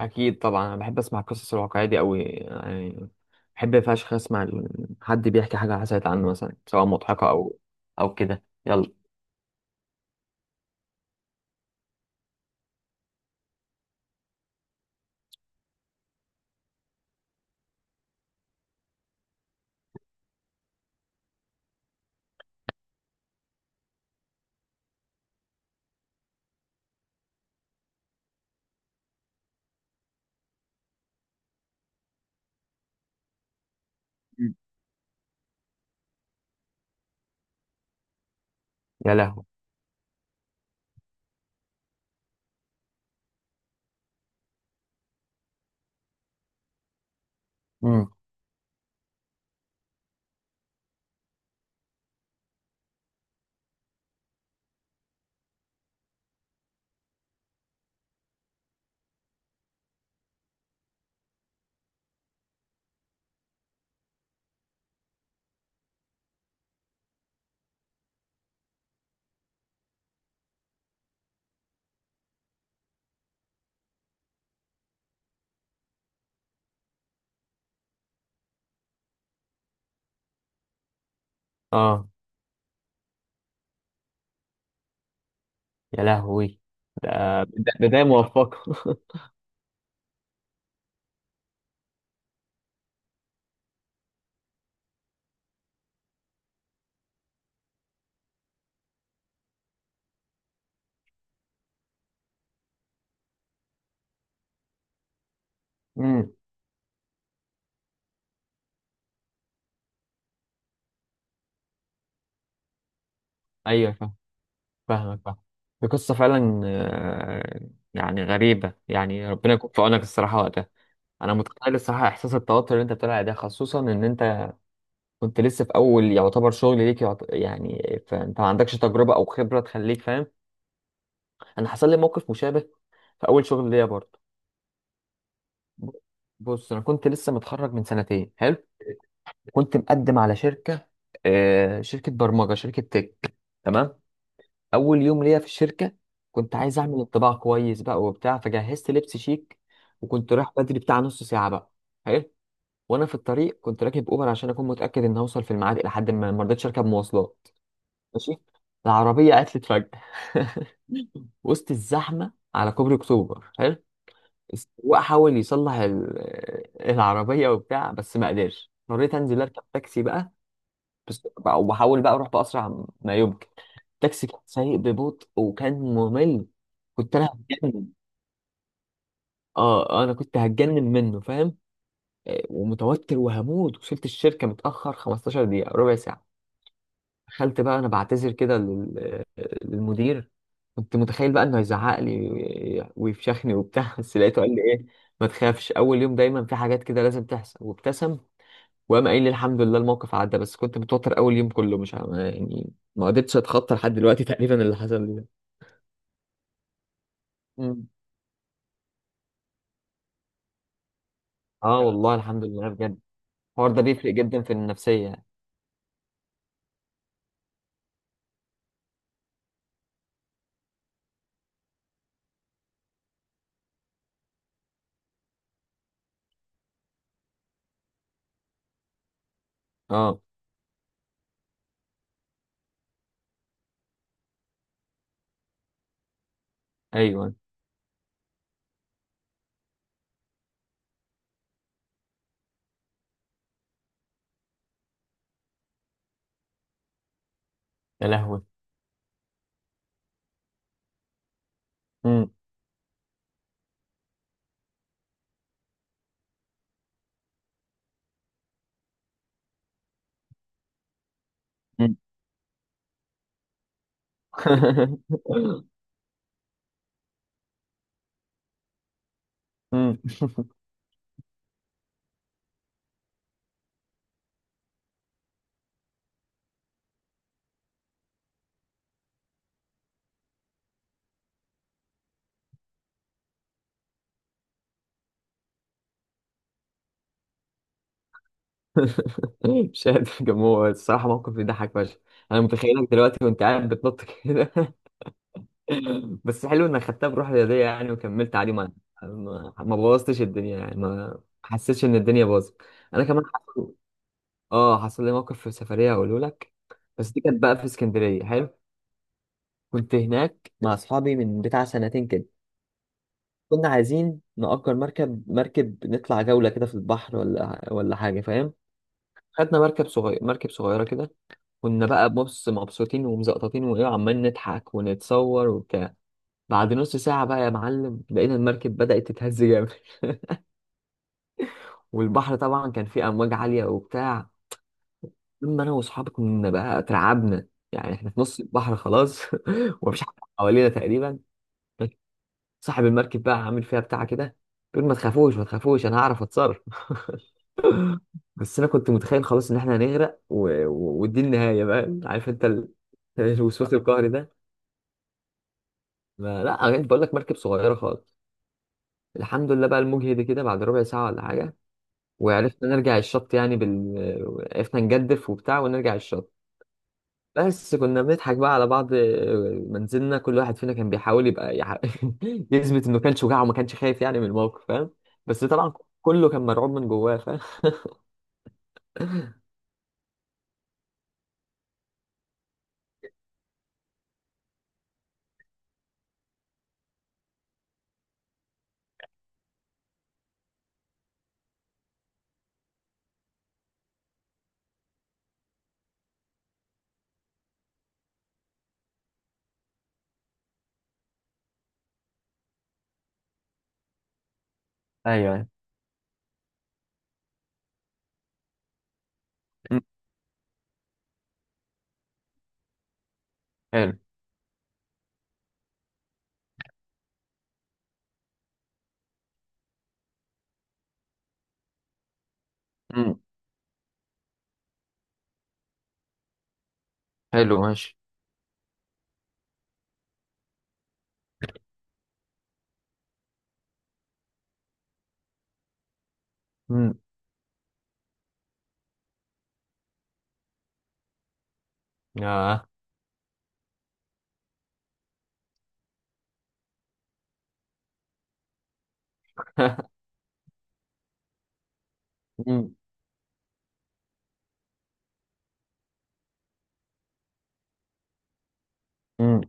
اكيد طبعا انا بحب اسمع القصص الواقعيه دي قوي يعني. بحب فشخ اسمع حد بيحكي حاجه حصلت عنه مثلا، سواء مضحكه او كده، يلا. مم. يا لهوي. امم. اه. يا لهوي. ده ده بدايه موفقه. امم. ايوه، فاهم. فاهمك، فاهم. دي قصه فعلا، يعني غريبه يعني، ربنا يكون في عونك الصراحه وقتها. انا متخيل الصراحه احساس التوتر اللي انت بتقول عليه ده، خصوصا ان انت كنت لسه في اول يعتبر شغل ليك، يعني، فانت ما عندكش تجربه او خبره تخليك فاهم. انا حصل لي موقف مشابه في اول شغل ليا برضه. ب- بص، انا كنت لسه متخرج من سنتين. حلو. كنت مقدم على شركه، آه شركه برمجه شركه تك. تمام. اول يوم ليا في الشركه كنت عايز اعمل انطباع كويس بقى وبتاع، فجهزت لبس شيك، وكنت رايح بدري بتاع نص ساعه بقى. حلو. وانا في الطريق كنت راكب اوبر عشان اكون متاكد ان هوصل في الميعاد، الى حد ما ما رضيتش اركب مواصلات. ماشي. العربية عطلت فجأة وسط الزحمة على كوبري أكتوبر. حلو. السواق حاول يصلح العربية وبتاع، بس ما قدرش، اضطريت أنزل أركب تاكسي بقى. وبحاول بقى أروح بأسرع ما يمكن. التاكسي كان سايق ببطء وكان ممل، كنت أنا هتجنن. اه، انا كنت هتجنن منه، فاهم. ومتوتر وهموت، وصلت الشركة متأخر 15 دقيقة ربع ساعة. دخلت بقى انا بعتذر كده للمدير. كنت متخيل بقى انه هيزعق لي ويفشخني وبتاع، بس لقيته قال لي ايه: ما تخافش، اول يوم دايما في حاجات كده لازم تحصل، وابتسم. وقام قايل لي: الحمد لله الموقف عدى، بس كنت متوتر اول يوم كله، مش عارف يعني، ما قدرتش اتخطى لحد دلوقتي، تقريبا اللي حصل لي ده. مم. اه والله، الحمد لله بجد. الحوار ده بيفرق جدا في النفسية. اه. ايوه. يا لهوي. مم. مم. مم. مش قادر، كان هو الصراحة موقف يضحك فشخ. أنا متخيلك دلوقتي وأنت قاعد بتنط كده. بس حلو إنك خدتها بروح رياضية يعني، وكملت عادي، ما بوظتش الدنيا يعني، ما حسيتش إن الدنيا باظت. أنا كمان حصل. آه حصل لي موقف في سفرية، هقوله لك. بس دي كانت بقى في اسكندرية. حلو. كنت هناك مع أصحابي من بتاع سنتين كده. كنا عايزين نأجر مركب نطلع جولة كده في البحر ولا حاجة، فاهم. خدنا مركب صغيرة كده. كنا بقى بص مبسوطين ومزقططين وايه، عمال نضحك ونتصور وبتاع. بعد نص ساعة بقى يا معلم، لقينا المركب بدأت تتهز جامد. والبحر طبعا كان فيه أمواج عالية وبتاع، لما أنا وأصحابي كنا بقى اترعبنا يعني. إحنا في نص البحر خلاص، ومفيش حد حوالينا تقريبا. صاحب المركب بقى عامل فيها بتاع كده، بيقول: ما تخافوش ما تخافوش، أنا هعرف أتصرف. بس أنا كنت متخيل خلاص إن إحنا هنغرق، ودي النهاية بقى، عارف أنت الوسواس القهري ده. ما لا، أنا بقول لك مركب صغيرة خالص. الحمد لله بقى المجهد كده بعد ربع ساعة ولا حاجة، وعرفنا نرجع الشط يعني عرفنا نجدف وبتاع ونرجع الشط. بس كنا بنضحك بقى على بعض ما نزلنا، كل واحد فينا كان بيحاول يبقى يثبت انه كان شجاع وما كانش خايف يعني من الموقف، فاهم. بس طبعا كله كان مرعوب من جواه، فاهم. ايوه. مم. حلو. مم. حلو ماشي. مم. آه. مم. مم.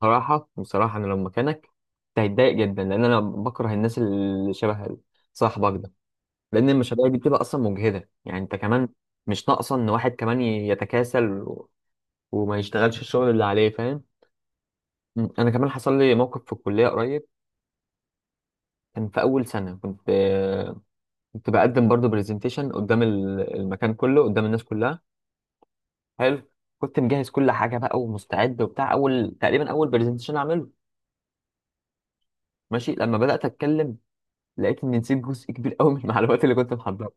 صراحة، بصراحة أنا لو مكانك كنت هتضايق جدا، لأن أنا بكره الناس اللي شبه صاحبك ده. لان المشاريع دي بتبقى اصلا مجهده يعني، انت كمان مش ناقصه ان واحد كمان يتكاسل وما يشتغلش الشغل اللي عليه، فاهم. م. انا كمان حصل لي موقف في الكليه قريب. كان في اول سنه، كنت بقدم برضه برزنتيشن قدام المكان كله قدام الناس كلها. حلو. كنت مجهز كل حاجه بقى ومستعد وبتاع، اول تقريبا اول برزنتيشن اعمله. ماشي. لما بدات اتكلم لقيت اني نسيت جزء كبير قوي من المعلومات اللي كنت محضرها.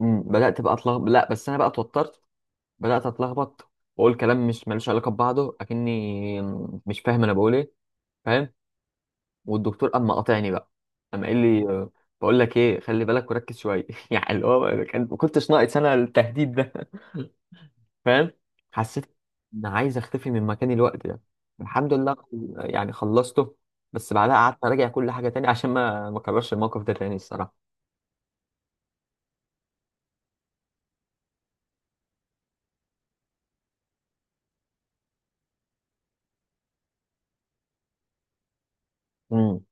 م. بدات بقى اتلخبط، لا بس انا بقى اتوترت، بدأت أتلخبط وأقول كلام مش ملوش علاقة ببعضه، أكني مش فاهم أنا بقول إيه، فاهم. والدكتور أما قاطعني بقى، أما قال لي بقول لك إيه: خلي بالك وركز شوية. يعني اللي هو كان ما كنتش ناقص أنا التهديد ده، فاهم. حسيت إن عايز أختفي من مكاني الوقت ده. الحمد لله، يعني خلصته. بس بعدها قعدت أراجع كل حاجة تاني، عشان ما ما أكررش الموقف ده تاني الصراحة. امم.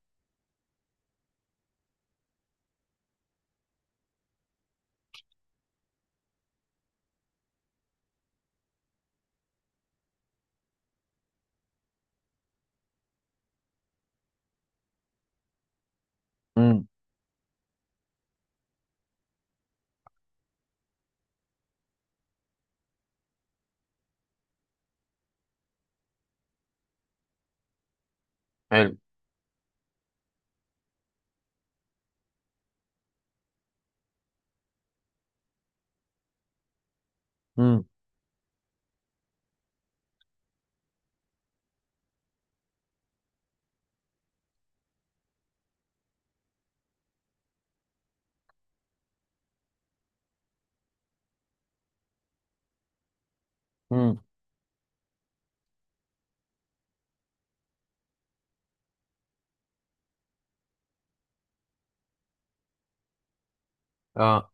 امم. حلو. امم. امم. اه.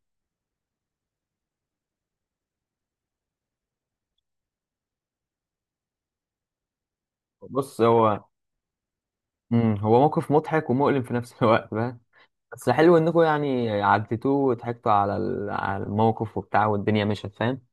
بص، هو موقف مضحك ومؤلم في نفس الوقت، فاهم. بس حلو انكم يعني عديتوه وضحكتوا على على الموقف وبتاع، والدنيا مشت، فاهم.